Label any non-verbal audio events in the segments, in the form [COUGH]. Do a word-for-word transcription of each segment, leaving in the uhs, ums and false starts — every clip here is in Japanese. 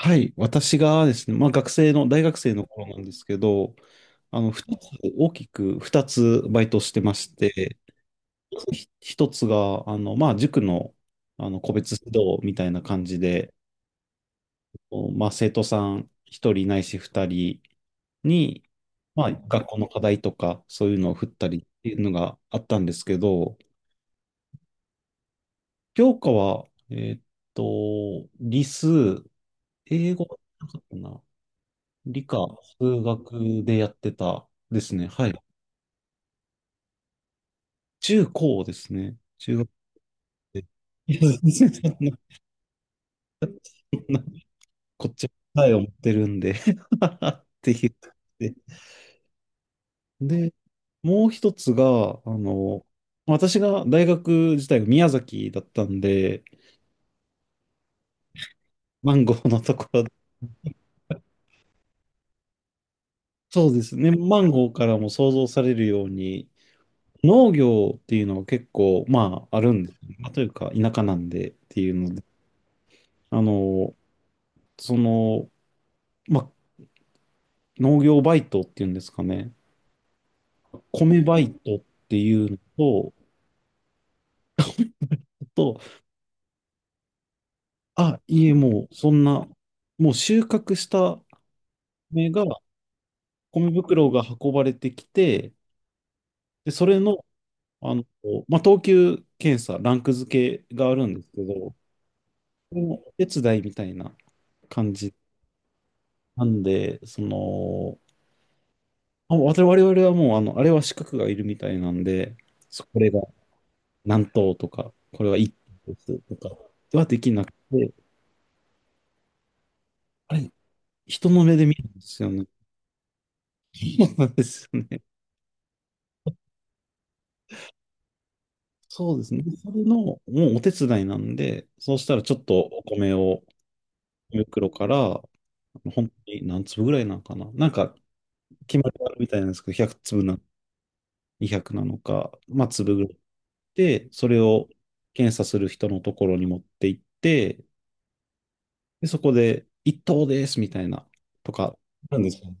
はい、私がですね、まあ、学生の、大学生の頃なんですけど、あの、二つ、大きくふたつバイトしてまして、ひとつが、あの、まあ、塾の、あの個別指導みたいな感じで、おまあ、生徒さんひとりないしふたりに、まあ、学校の課題とか、そういうのを振ったりっていうのがあったんですけど、教科は、えーっと、理数、英語はなかったな。理科、数学でやってたですね。はい。中高ですね。中学で。[LAUGHS] いや、全然そんな、そんなこっちは答えを持ってるんで [LAUGHS] って言って。で、もう一つが、あの、私が大学自体が宮崎だったんで、マンゴーのところ、そうですね。マンゴーからも想像されるように、農業っていうのは結構、まあ、あるんですよね。まあというか、田舎なんでっていうので、あの、その、まあ、農業バイトっていうんですかね。米バイトっていうのと、と、あ、いえ、もうそんな、もう収穫した米が、米袋が運ばれてきて、で、それの、あの、まあ、等級検査、ランク付けがあるんですけど、それのお手伝いみたいな感じなんで、その、あ、我々はもう、あの、あれは資格がいるみたいなんで、そこれが何頭とか、これは一頭ですとかはできなくて、あれ、人の目で見るんですよね。そうなんですよね。そうですね。それの、もうお手伝いなんで、そうしたらちょっとお米を、米袋から、本当に何粒ぐらいなのかな。なんか、決まりがあるみたいなんですけど、ひゃく粒な、にひゃくなのか、まあ、粒ぐらいで、それを検査する人のところに持って行って、で、そこで、一等ですみたいな、とか、なんですよね。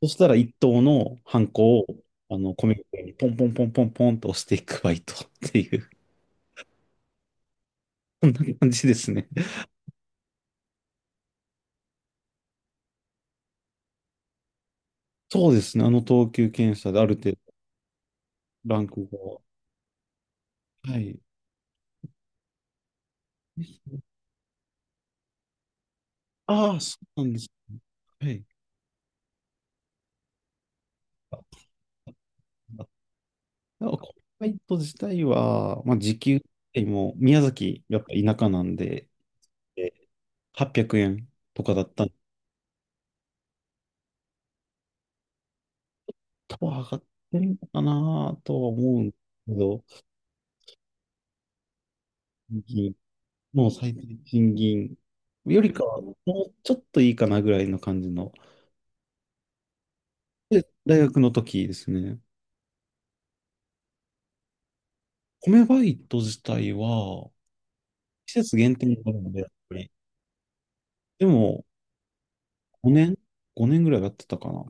そしたら一等のハンコを、あの、米袋にポンポンポンポンポンと押していくバイトっていう、[LAUGHS] こんな感じですね。そうですね。あの等級検査である程度ランクが。はい。ああ、そうなんですね。はい。あ、このバイト自体は、まあ、時給でも、宮崎、やっぱ田舎なんで、えはっぴゃくえんとかだったんで、多分上がってるのかなとは思うんですけど、もう最低賃金よりかは、もうちょっといいかなぐらいの感じの。で、大学の時ですね。米バイト自体は、季節限定になるので、やっぱり。でも、ごねん ?ご 年ぐらいやってたかな。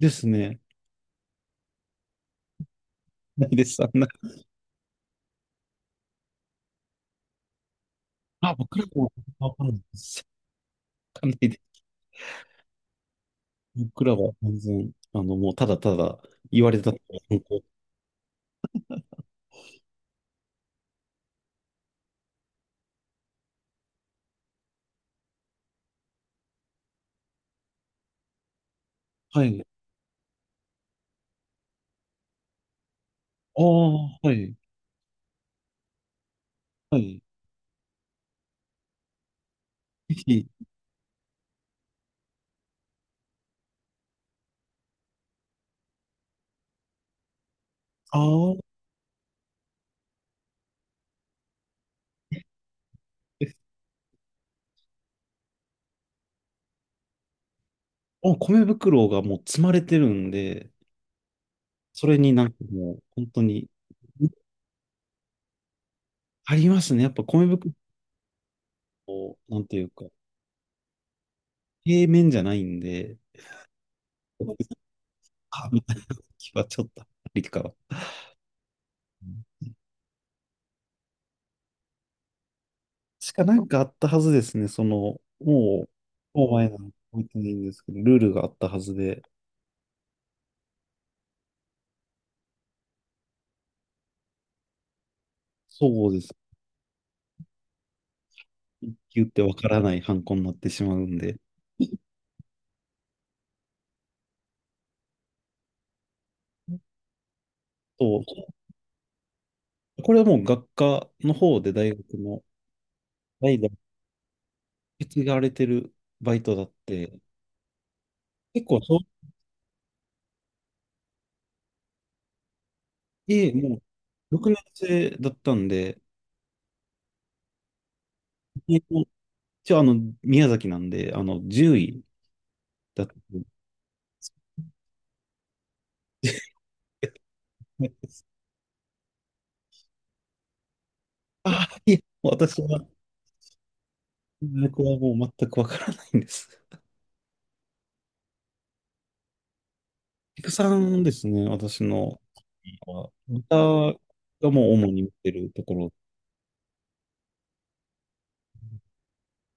ですね。ないです。あんな、あ、僕らも、わかんないです。わかんないです。僕らは全然、あの、もうただただ言われたとおり。はい。ああ、はい。はい。ぜひ。ああ、で、あ、米袋がもう積まれてるんで、それになんかもう、本当に、ありますね。やっぱ米袋も、なんていうか、平面じゃないんで、あみたいな気はちょっとありかは。しかなんかあったはずですね。その、もう、もう前なの覚えてないんですけど、ルールがあったはずで、そうです。一級ってわからないハンコになってしまうんで、そう、これはもう学科の方で大学の代々受け継がれてるバイトだって、結構小ええ、もう、ろくねん生だったんで、えっと一応、あの、宮崎なんで、あの、じゅういだったんで。ああ、いえ、私は、僕はもう全くわからないんです。ピクさんですね、私のは、歌がもう主に見てるところ、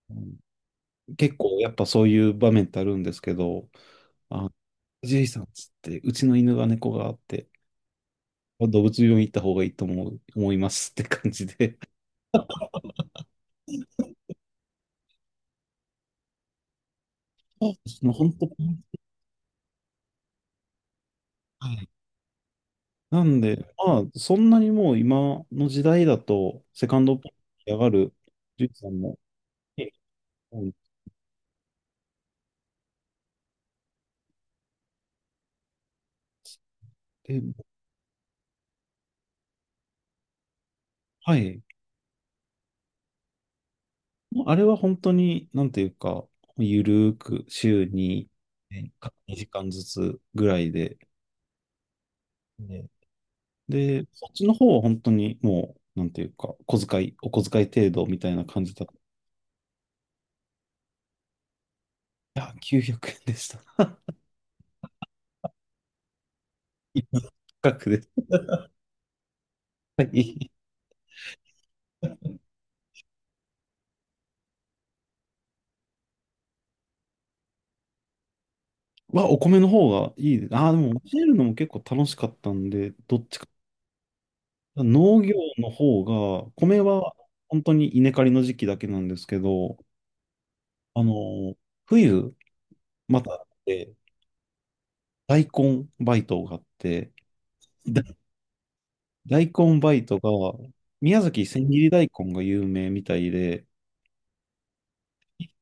うん。結構やっぱそういう場面ってあるんですけど、あ、ジェさんっつって、うちの犬が猫があって、動物病院行った方がいいと思う、思いますって感じで、あその本当、はい。なんで、まあ、そんなにもう今の時代だと、セカンドポイントに上がるジュリさんも、え、うんで、はい。もうあれは本当に、なんていうか、ゆるーく週にねにじかんずつぐらいで、ね。で、そっちの方は本当にもう、なんていうか、小遣い、お小遣い程度みたいな感じだった。いや、きゅうひゃくえんでした。今の価格で。はい。は、お米の方がいいです。ああ、でも教えるのも結構楽しかったんで、どっちか農業の方が、米は本当に稲刈りの時期だけなんですけど、あの、冬、また、え大根バイトがあって、だ大根バイトが、宮崎千切り大根が有名みたいで、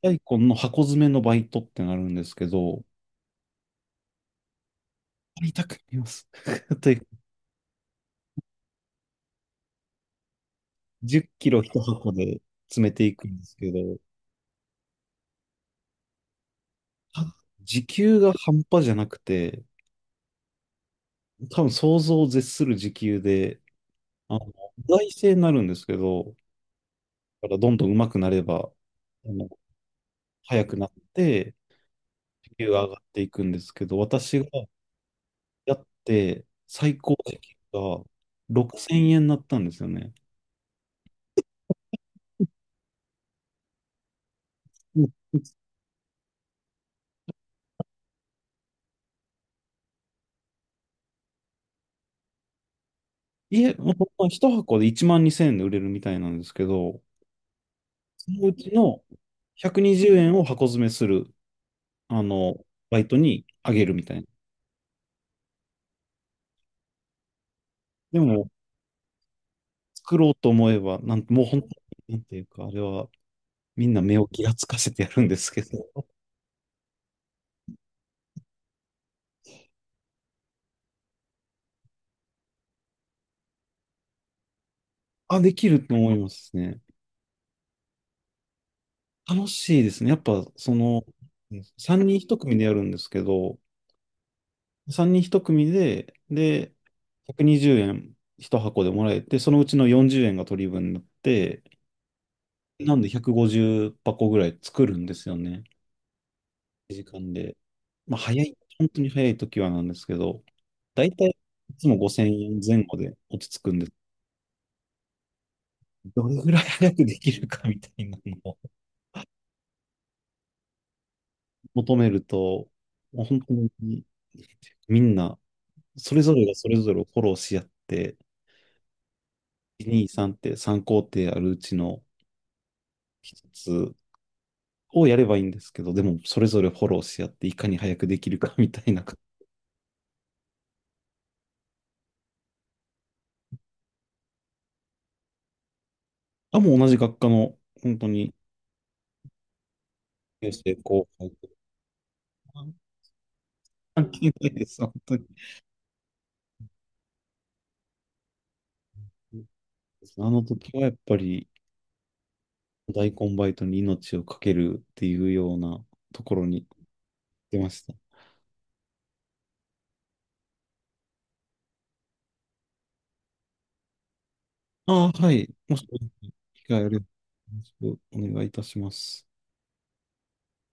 大根の箱詰めのバイトってなるんですけど、買いたくなります。[LAUGHS] というじっキロひとはこ箱で詰めていくんですけど、た時給が半端じゃなくて、多分想像を絶する時給で、あの、意外性になるんですけど、だからどんどん上手くなれば、あの、速くなって、時給が上がっていくんですけど、私がやって最高時給がろくせんえんになったんですよね。うん。家、ほんま一箱でいちまんにせんえんで売れるみたいなんですけど、そのうちのひゃくにじゅうえんを箱詰めする、あの、バイトにあげるみたいな。でも、作ろうと思えば、なん、もう本当に、なんていうか、あれは、みんな目をギラつかせてやるんですけど、あ、できると思いますね。楽しいですね。やっぱ、その、さんにんひとくみ組でやるんですけど、さんにんひとくみ組で、で、ひゃくにじゅうえんひとはこ箱でもらえて、そのうちのよんじゅうえんが取り分になって、なんでひゃくごじゅう箱ぐらい作るんですよね。時間で。まあ、早い、本当に早い時はなんですけど、だいたいいつもごせんえんぜん後で落ち着くんです。どれぐらい早くできるかみたいなのを求めると、もう本当にみんな、それぞれがそれぞれをフォローし合って、いち、に、さんってさん工程あるうちの一つをやればいいんですけど、でもそれぞれフォローし合って、いかに早くできるかみたいな。あ、もう同じ学科の、本当に、先生後輩とか、関係ないです、本当に。あの時はやっぱり、大根バイトに命をかけるっていうようなところに出ました。ああ、はい。もし機会ある。お願いいたします。